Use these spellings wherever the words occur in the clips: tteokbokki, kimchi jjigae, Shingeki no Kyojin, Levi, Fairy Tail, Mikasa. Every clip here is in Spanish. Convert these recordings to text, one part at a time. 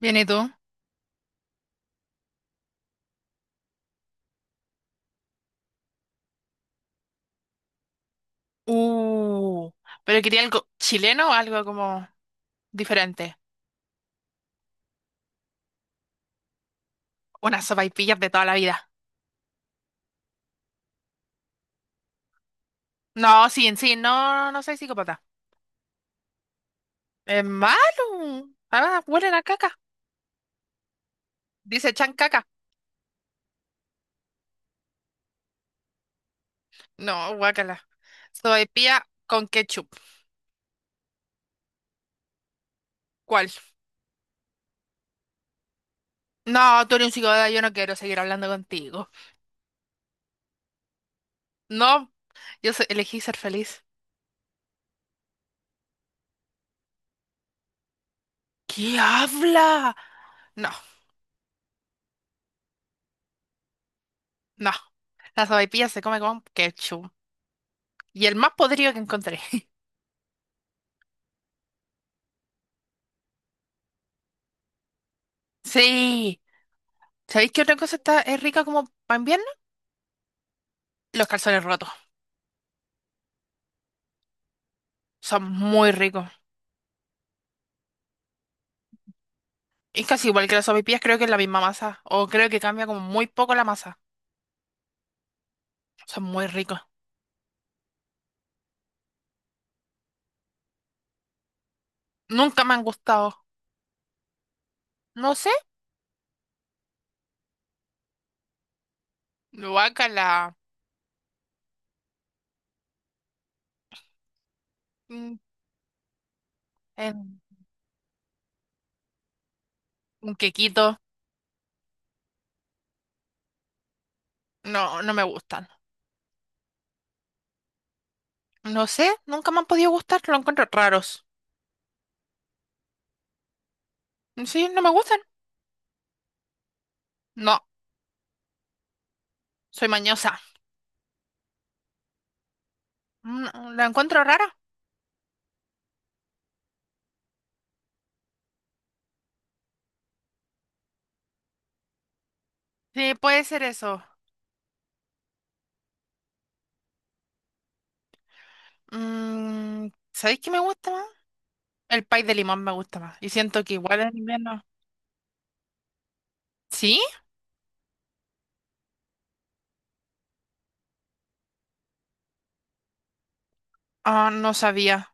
Bien, ¿y tú? Uh, pero quería algo chileno o algo como diferente. Unas sopaipillas de toda la vida. No, sí, en sí, no, no soy psicópata. Es malo. Ah, huelen a caca. Dice chan caca. No, guácala. Sopaipilla con ketchup. ¿Cuál? No, tú eres un psicópata, yo no quiero seguir hablando contigo. No, elegí ser feliz. ¿Qué habla? No, no. La sopaipilla se come con ketchup. Y el más podrido que encontré. Sí. ¿Sabéis qué otra cosa es rica como para invierno? Los calzones rotos. Son muy ricos. Es casi igual que las sopaipillas, creo que es la misma masa. O creo que cambia como muy poco la masa. Son muy ricos. Nunca me han gustado. No sé. Guácala. Mm, en un quequito. No, no me gustan. No sé. Nunca me han podido gustar. Lo encuentro raros. Sí, no me gustan. No, soy mañosa. ¿La encuentro rara? Sí, puede ser eso. Mm, ¿Sabéis qué me gusta más? El pie de limón me gusta más. Y siento que igual en invierno. ¿Sí? Ah, no sabía.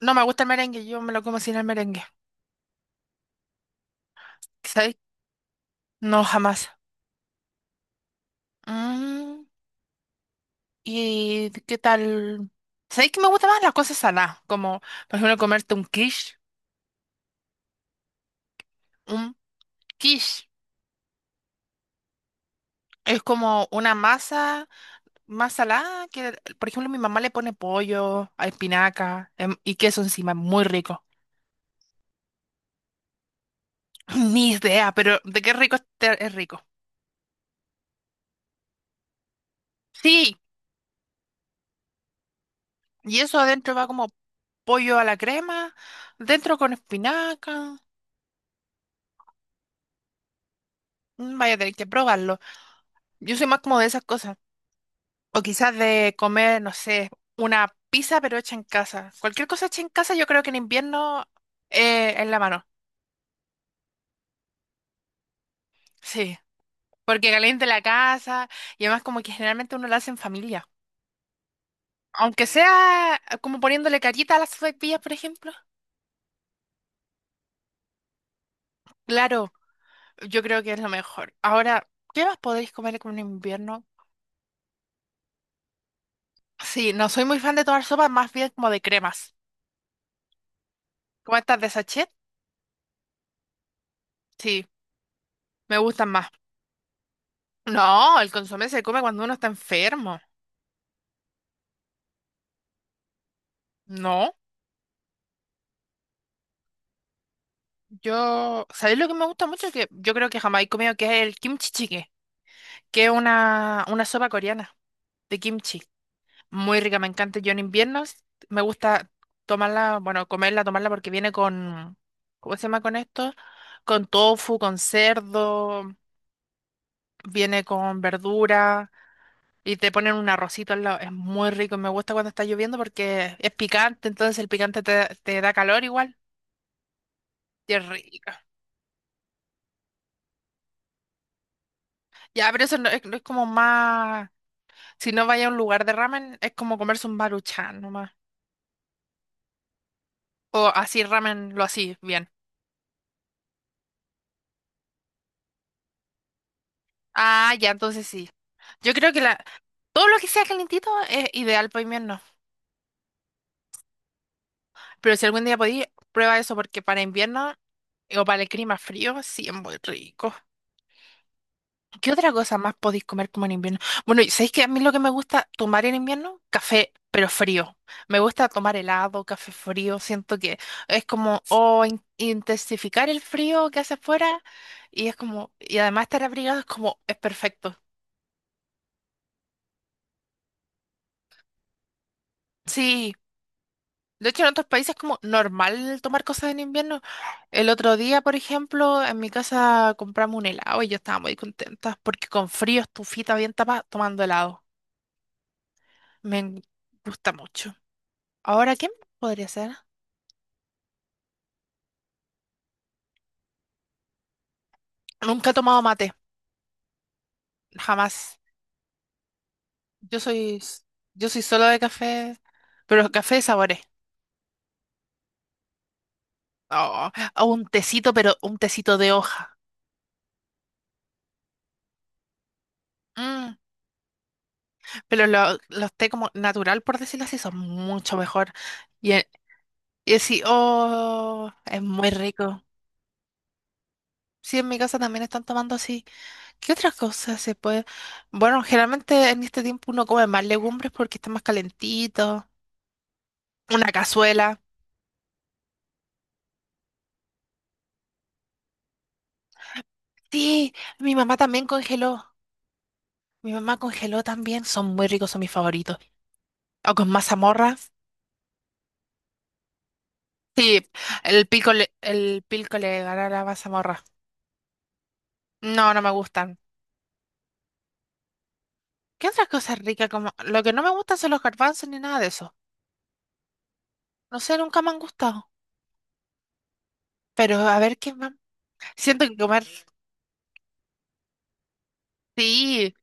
No me gusta el merengue, yo me lo como sin el merengue. ¿Sabes? No, jamás. Mm, ¿Y qué tal? ¿Sabéis que me gustan más las cosas saladas? Como, por ejemplo, comerte un quiche. Un quiche es como una masa más salada que, por ejemplo, mi mamá le pone pollo, a espinaca y queso encima. Muy rico. Ni idea, pero de qué rico es rico. Sí, y eso adentro va como pollo a la crema, dentro con espinaca. Vaya a tener que probarlo. Yo soy más como de esas cosas. O quizás de comer, no sé, una pizza pero hecha en casa. Cualquier cosa hecha en casa, yo creo que en invierno es la mano. Sí, porque caliente la casa y además como que generalmente uno la hace en familia. Aunque sea como poniéndole carita a las sopaipillas, por ejemplo. Claro, yo creo que es lo mejor. Ahora, ¿qué más podéis comer con un invierno? Sí, no soy muy fan de tomar sopa más bien como de cremas. ¿Cómo estás de sachet? Sí, me gustan más. No, el consomé se come cuando uno está enfermo. No, yo, ¿sabéis lo que me gusta mucho? Que yo creo que jamás he comido, que es el kimchi jjigae, que es una sopa coreana de kimchi. Muy rica, me encanta. Yo en invierno me gusta tomarla, bueno, comerla, tomarla porque viene con, ¿cómo se llama con esto? Con tofu, con cerdo, viene con verdura. Y te ponen un arrocito al lado. Es muy rico. Y me gusta cuando está lloviendo porque es picante, entonces el picante te da calor igual. Y es rico. Ya, pero eso no es, no es como más. Si no vaya a un lugar de ramen, es como comerse un baruchán nomás. O así ramen, lo así, bien. Ah, ya, entonces sí. Yo creo que la, todo lo que sea calentito es ideal para invierno. Pero si algún día podí, prueba eso porque para invierno o para el clima frío, sí es muy rico. ¿Qué otra cosa más podéis comer como en invierno? Bueno, y ¿sabéis que a mí lo que me gusta tomar en invierno? Café, pero frío. Me gusta tomar helado, café frío. Siento que es como, o intensificar el frío que hace afuera. Y es como, y además estar abrigado es como, es perfecto. Sí. De hecho, en otros países es como normal tomar cosas en invierno. El otro día, por ejemplo, en mi casa compramos un helado y yo estaba muy contenta porque con frío, estufita bien tapada, tomando helado. Me en- gusta mucho. Ahora, ¿quién podría ser? Nunca he tomado mate, jamás. Yo soy, yo soy solo de café, pero café de sabores. Oh, o un tecito, pero un tecito de hoja. Mm, pero los té como natural, por decirlo así, son mucho mejor. Y, e- y así, oh, es muy rico. Sí, en mi casa también están tomando así. ¿Qué otras cosas se puede? Bueno, generalmente en este tiempo uno come más legumbres porque está más calentito. Una cazuela. Sí, mi mamá también congeló. Mi mamá congeló también, son muy ricos, son mis favoritos. O con mazamorra. Sí, el pico le gana a la mazamorra. No, no me gustan. ¿Qué otras cosas ricas como? Lo que no me gustan son los garbanzos ni nada de eso. No sé, nunca me han gustado. Pero a ver qué más. Siento que comer. Sí,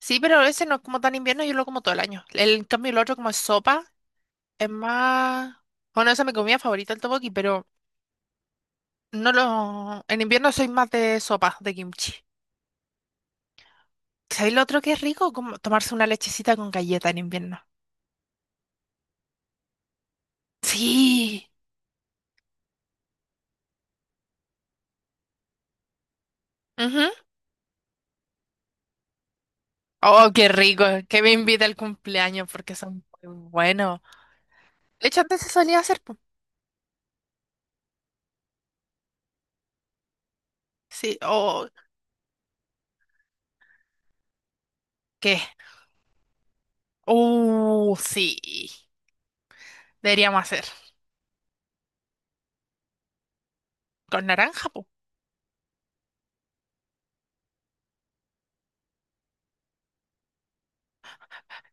sí, pero ese no es como tan invierno, yo lo como todo el año. El, en cambio, el otro como es sopa, es más. Bueno, esa es mi comida favorita, el tteokbokki, pero no lo. En invierno soy más de sopa, de kimchi. ¿Sabéis lo otro que es rico? Como tomarse una lechecita con galleta en invierno. Sí. Ujú. Oh, qué rico. Que me invita al cumpleaños porque son muy buenos. De hecho, antes se solía hacer. Po. Sí. Oh, ¿qué? Sí. Deberíamos hacer. Con naranja, po.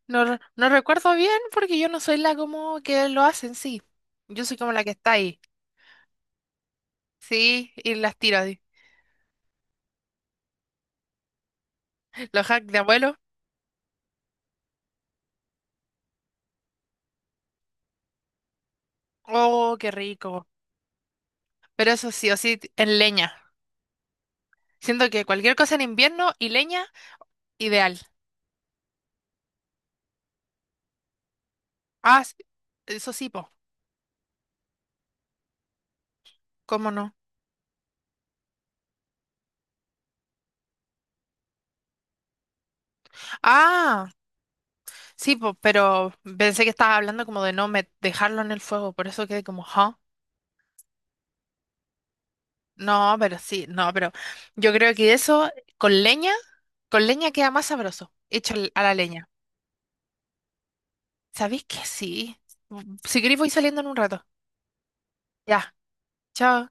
No, no recuerdo bien porque yo no soy la como que lo hacen, sí. Yo soy como la que está ahí. Sí, y las tiro. Así. Los hacks de abuelo. Oh, qué rico. Pero eso sí o sí, en leña. Siento que cualquier cosa en invierno y leña, ideal. Ah, s- eso sí, po. ¿Cómo no? Ah, sí, po, pero pensé que estabas hablando como de no me- dejarlo en el fuego, por eso quedé como, ¿huh? No, pero sí, no, pero yo creo que eso con leña, con leña queda más sabroso, a la leña. ¿Sabéis que sí? Mm, si queréis voy saliendo en un rato. Ya, chao.